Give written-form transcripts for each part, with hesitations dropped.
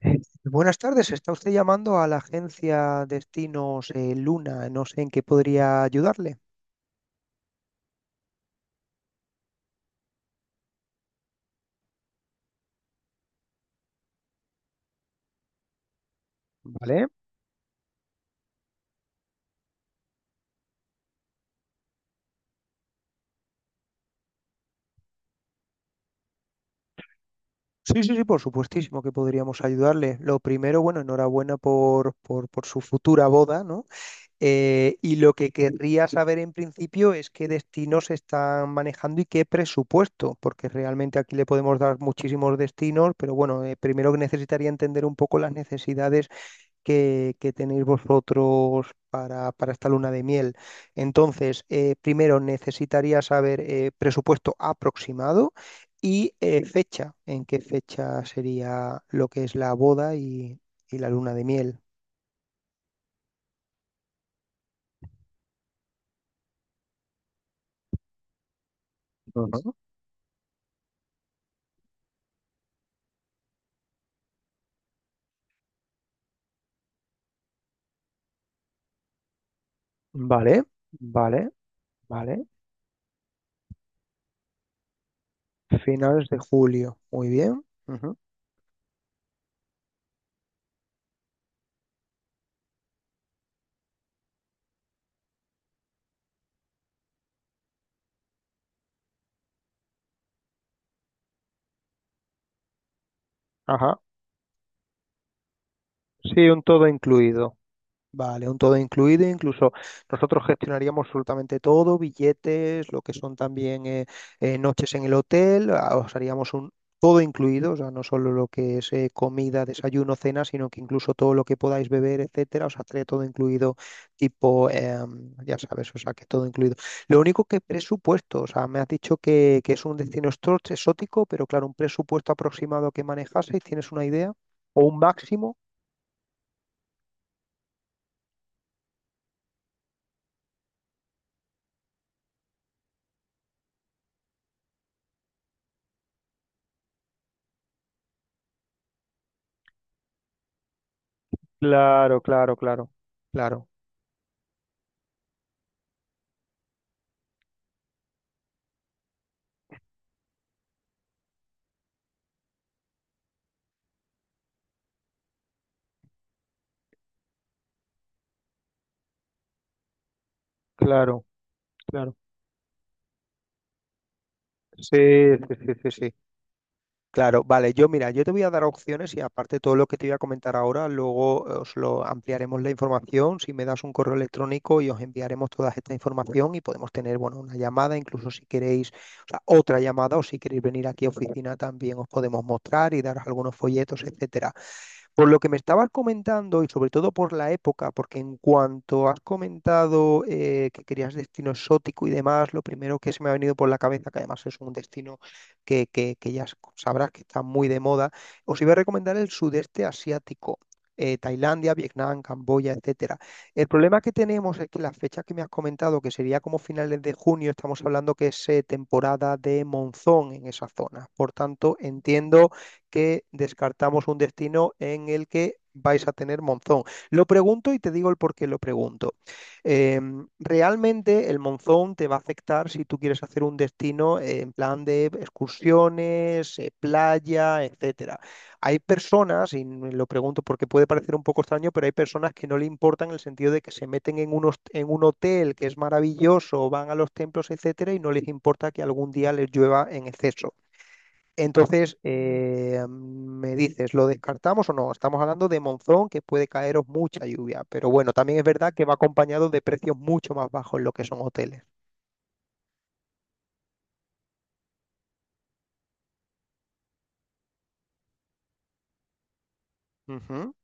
Eh, Buenas tardes, está usted llamando a la agencia Destinos Luna, no sé en qué podría ayudarle, ¿vale? Sí, sí, sí, por supuestísimo que podríamos ayudarle. Lo primero, bueno, enhorabuena por su futura boda, ¿no? Y lo que querría saber en principio es qué destinos están manejando y qué presupuesto, porque realmente aquí le podemos dar muchísimos destinos, pero bueno, primero que necesitaría entender un poco las necesidades que tenéis vosotros para esta luna de miel. Entonces, primero necesitaría saber presupuesto aproximado y fecha, en qué fecha sería lo que es la boda y la luna de miel. Ujú. Vale, vale, vale. Finales de julio. Muy bien. Ujú. Ajá. Sí, un todo incluido. Vale, un todo incluido, incluso nosotros gestionaríamos absolutamente todo, billetes, lo que son también noches en el hotel, os haríamos un todo incluido, o sea, no solo lo que es comida, desayuno, cena, sino que incluso todo lo que podáis beber, etcétera, os haré todo incluido, tipo, ya sabes, o sea, que todo incluido. Lo único que presupuesto, o sea, me has dicho que es un destino exótico, pero claro, un presupuesto aproximado que manejaseis, ¿tienes una idea? ¿O un máximo? Claro, claro, claro. Claro. Claro, claro. Sí, sí, sí, sí, sí. Claro, vale, yo mira, yo te voy a dar opciones y aparte todo lo que te voy a comentar ahora, luego os lo ampliaremos la información, si me das un correo electrónico y os enviaremos toda esta información y podemos tener, bueno, una llamada, incluso si queréis, o sea, otra llamada o si queréis venir aquí a oficina también os podemos mostrar y daros algunos folletos, etcétera. Por lo que me estabas comentando y sobre todo por la época, porque en cuanto has comentado que querías destino exótico y demás, lo primero que se me ha venido por la cabeza, que además es un destino que ya sabrás que está muy de moda, os iba a recomendar el sudeste asiático. Tailandia, Vietnam, Camboya, etcétera. El problema que tenemos es que las fechas que me has comentado, que sería como finales de junio, estamos hablando que es temporada de monzón en esa zona. Por tanto, entiendo que descartamos un destino en el que vais a tener Monzón. Lo pregunto y te digo el por qué lo pregunto. Eh, realmente el Monzón te va a afectar si tú quieres hacer un destino en plan de excursiones, playa, etcétera. Hay personas, y lo pregunto porque puede parecer un poco extraño, pero hay personas que no le importan en el sentido de que se meten en, unos, en un hotel que es maravilloso, van a los templos, etcétera, y no les importa que algún día les llueva en exceso. Entonces, me dices, ¿lo descartamos o no? Estamos hablando de monzón que puede caeros mucha lluvia, pero bueno, también es verdad que va acompañado de precios mucho más bajos en lo que son hoteles. Ujú.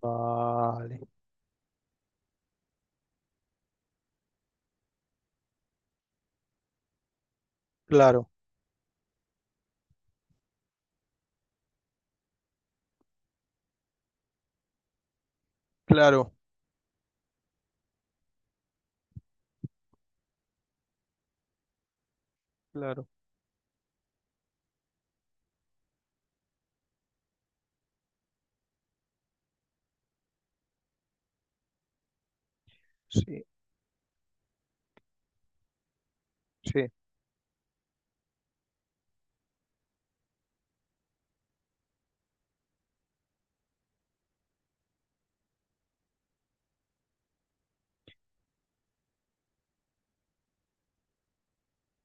Vale, claro, claro, claro. Sí, sí,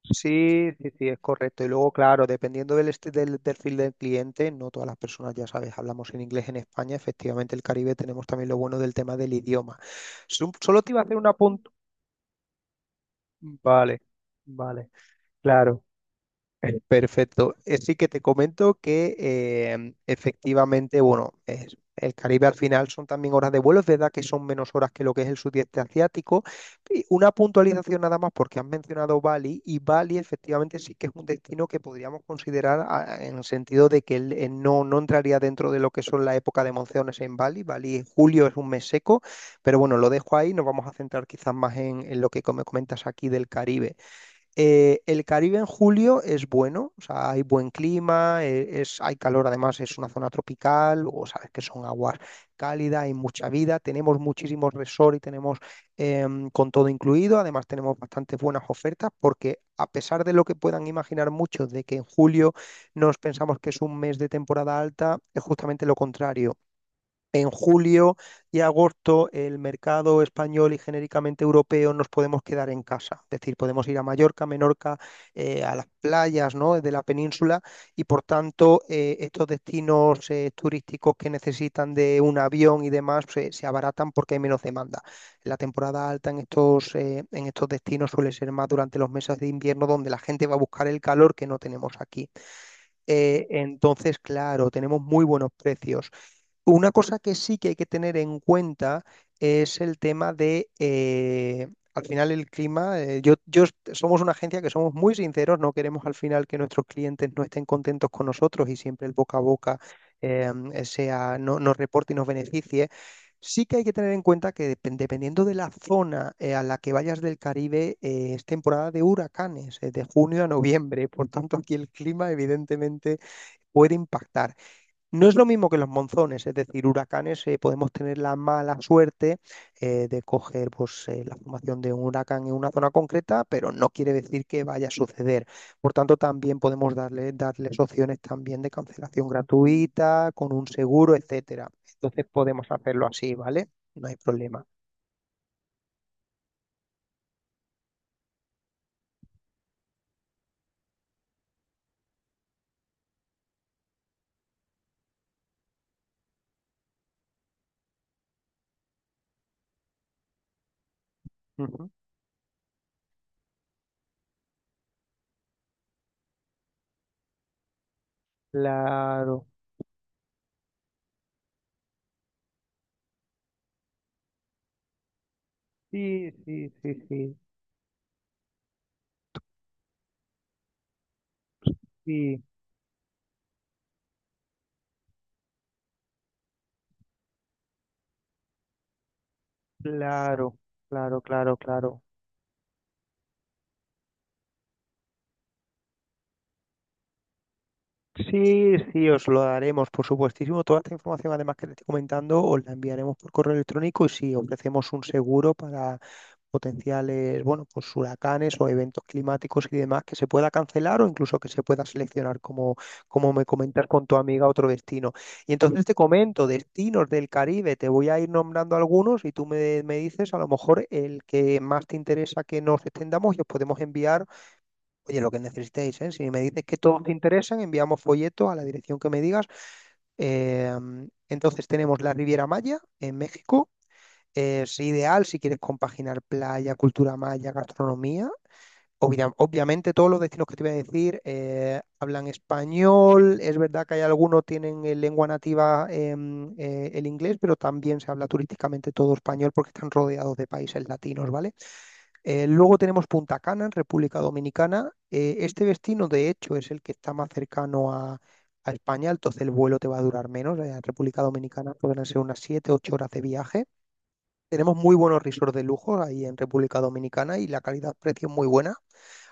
sí, sí, sí, es correcto. Y luego, claro, dependiendo del, del perfil del cliente, no todas las personas, ya sabes, hablamos en inglés en España, efectivamente el Caribe tenemos también lo bueno del tema del idioma. Solo te iba a hacer una punta. Vale, vale. Claro. Perfecto. Sí que te comento que efectivamente, bueno, el Caribe al final son también horas de vuelo, es verdad que son menos horas que lo que es el sudeste asiático. Y una puntualización nada más porque has mencionado Bali y Bali efectivamente sí que es un destino que podríamos considerar en el sentido de que él, no, no entraría dentro de lo que son la época de monzones en Bali. Bali en julio es un mes seco, pero bueno, lo dejo ahí, nos vamos a centrar quizás más en lo que me comentas aquí del Caribe. El Caribe en julio es bueno, o sea, hay buen clima, es, hay calor, además es una zona tropical, o sabes que son aguas cálidas, hay mucha vida, tenemos muchísimos resorts y tenemos con todo incluido, además tenemos bastantes buenas ofertas porque a pesar de lo que puedan imaginar muchos de que en julio nos pensamos que es un mes de temporada alta, es justamente lo contrario. En julio y agosto el mercado español y genéricamente europeo nos podemos quedar en casa, es decir, podemos ir a Mallorca, Menorca, a las playas, ¿no? de la península y por tanto estos destinos turísticos que necesitan de un avión y demás se, se abaratan porque hay menos demanda. La temporada alta en estos destinos suele ser más durante los meses de invierno donde la gente va a buscar el calor que no tenemos aquí. Entonces, claro, tenemos muy buenos precios. Una cosa que sí que hay que tener en cuenta es el tema de, al final el clima, yo, somos una agencia que somos muy sinceros, no queremos al final que nuestros clientes no estén contentos con nosotros y siempre el boca a boca sea, no, nos reporte y nos beneficie. Sí que hay que tener en cuenta que dependiendo de la zona a la que vayas del Caribe, es temporada de huracanes, de junio a noviembre, por tanto aquí el clima evidentemente puede impactar. No es lo mismo que los monzones, es decir, huracanes podemos tener la mala suerte de coger pues, la formación de un huracán en una zona concreta, pero no quiere decir que vaya a suceder. Por tanto, también podemos darle, darles opciones también de cancelación gratuita, con un seguro, etcétera. Entonces podemos hacerlo así, ¿vale? No hay problema. Ujú. Claro. Sí, sí, sí, sí, sí. Claro, claro, claro, claro. Sí, sí, os lo daremos, por supuestísimo. Toda esta información, además que te estoy comentando, os la enviaremos por correo electrónico y si ofrecemos un seguro para potenciales, bueno, pues huracanes o eventos climáticos y demás que se pueda cancelar o incluso que se pueda seleccionar, como, como me comentas con tu amiga, otro destino. Y entonces te comento, destinos del Caribe, te voy a ir nombrando algunos y tú me, me dices a lo mejor el que más te interesa que nos extendamos y os podemos enviar. Oye, lo que necesitéis, ¿eh? Si me dices que todos te interesan, enviamos folleto a la dirección que me digas. Eh, entonces tenemos la Riviera Maya en México. Es ideal si quieres compaginar playa, cultura maya, gastronomía. Obviamente todos los destinos que te voy a decir hablan español. Es verdad que hay algunos tienen en lengua nativa el inglés, pero también se habla turísticamente todo español porque están rodeados de países latinos, ¿vale? Luego tenemos Punta Cana, en República Dominicana. Este destino, de hecho, es el que está más cercano a España, entonces el vuelo te va a durar menos. En República Dominicana pueden ser unas 7-8 horas de viaje. Tenemos muy buenos resorts de lujo ahí en República Dominicana y la calidad-precio es muy buena.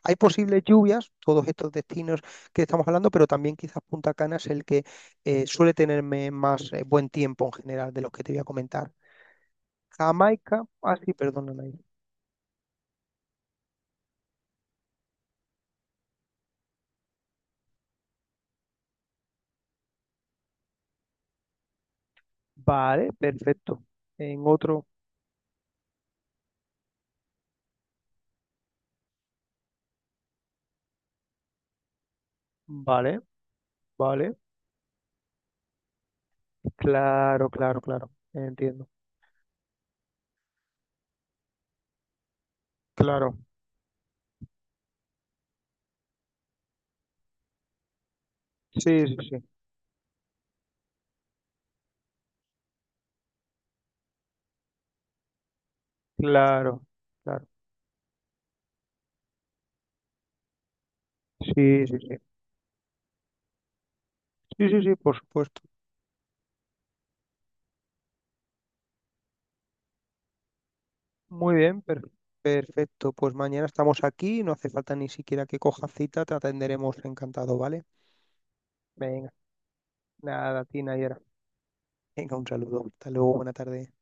Hay posibles lluvias, todos estos destinos que estamos hablando, pero también quizás Punta Cana es el que suele tenerme más buen tiempo en general de los que te voy a comentar. Jamaica, ah sí, perdóname. Vale, perfecto. En otro. Vale, vale. Claro, claro, claro. Entiendo. Claro. Sí, sí, sí. Claro, claro. Sí, sí, sí. Sí, sí, sí, por supuesto. Muy bien, perfecto. Pues mañana estamos aquí, no hace falta ni siquiera que cojas cita, te atenderemos encantado, ¿vale? Venga, nada, Tina y ahora. Venga, un saludo. Hasta luego, buena tarde.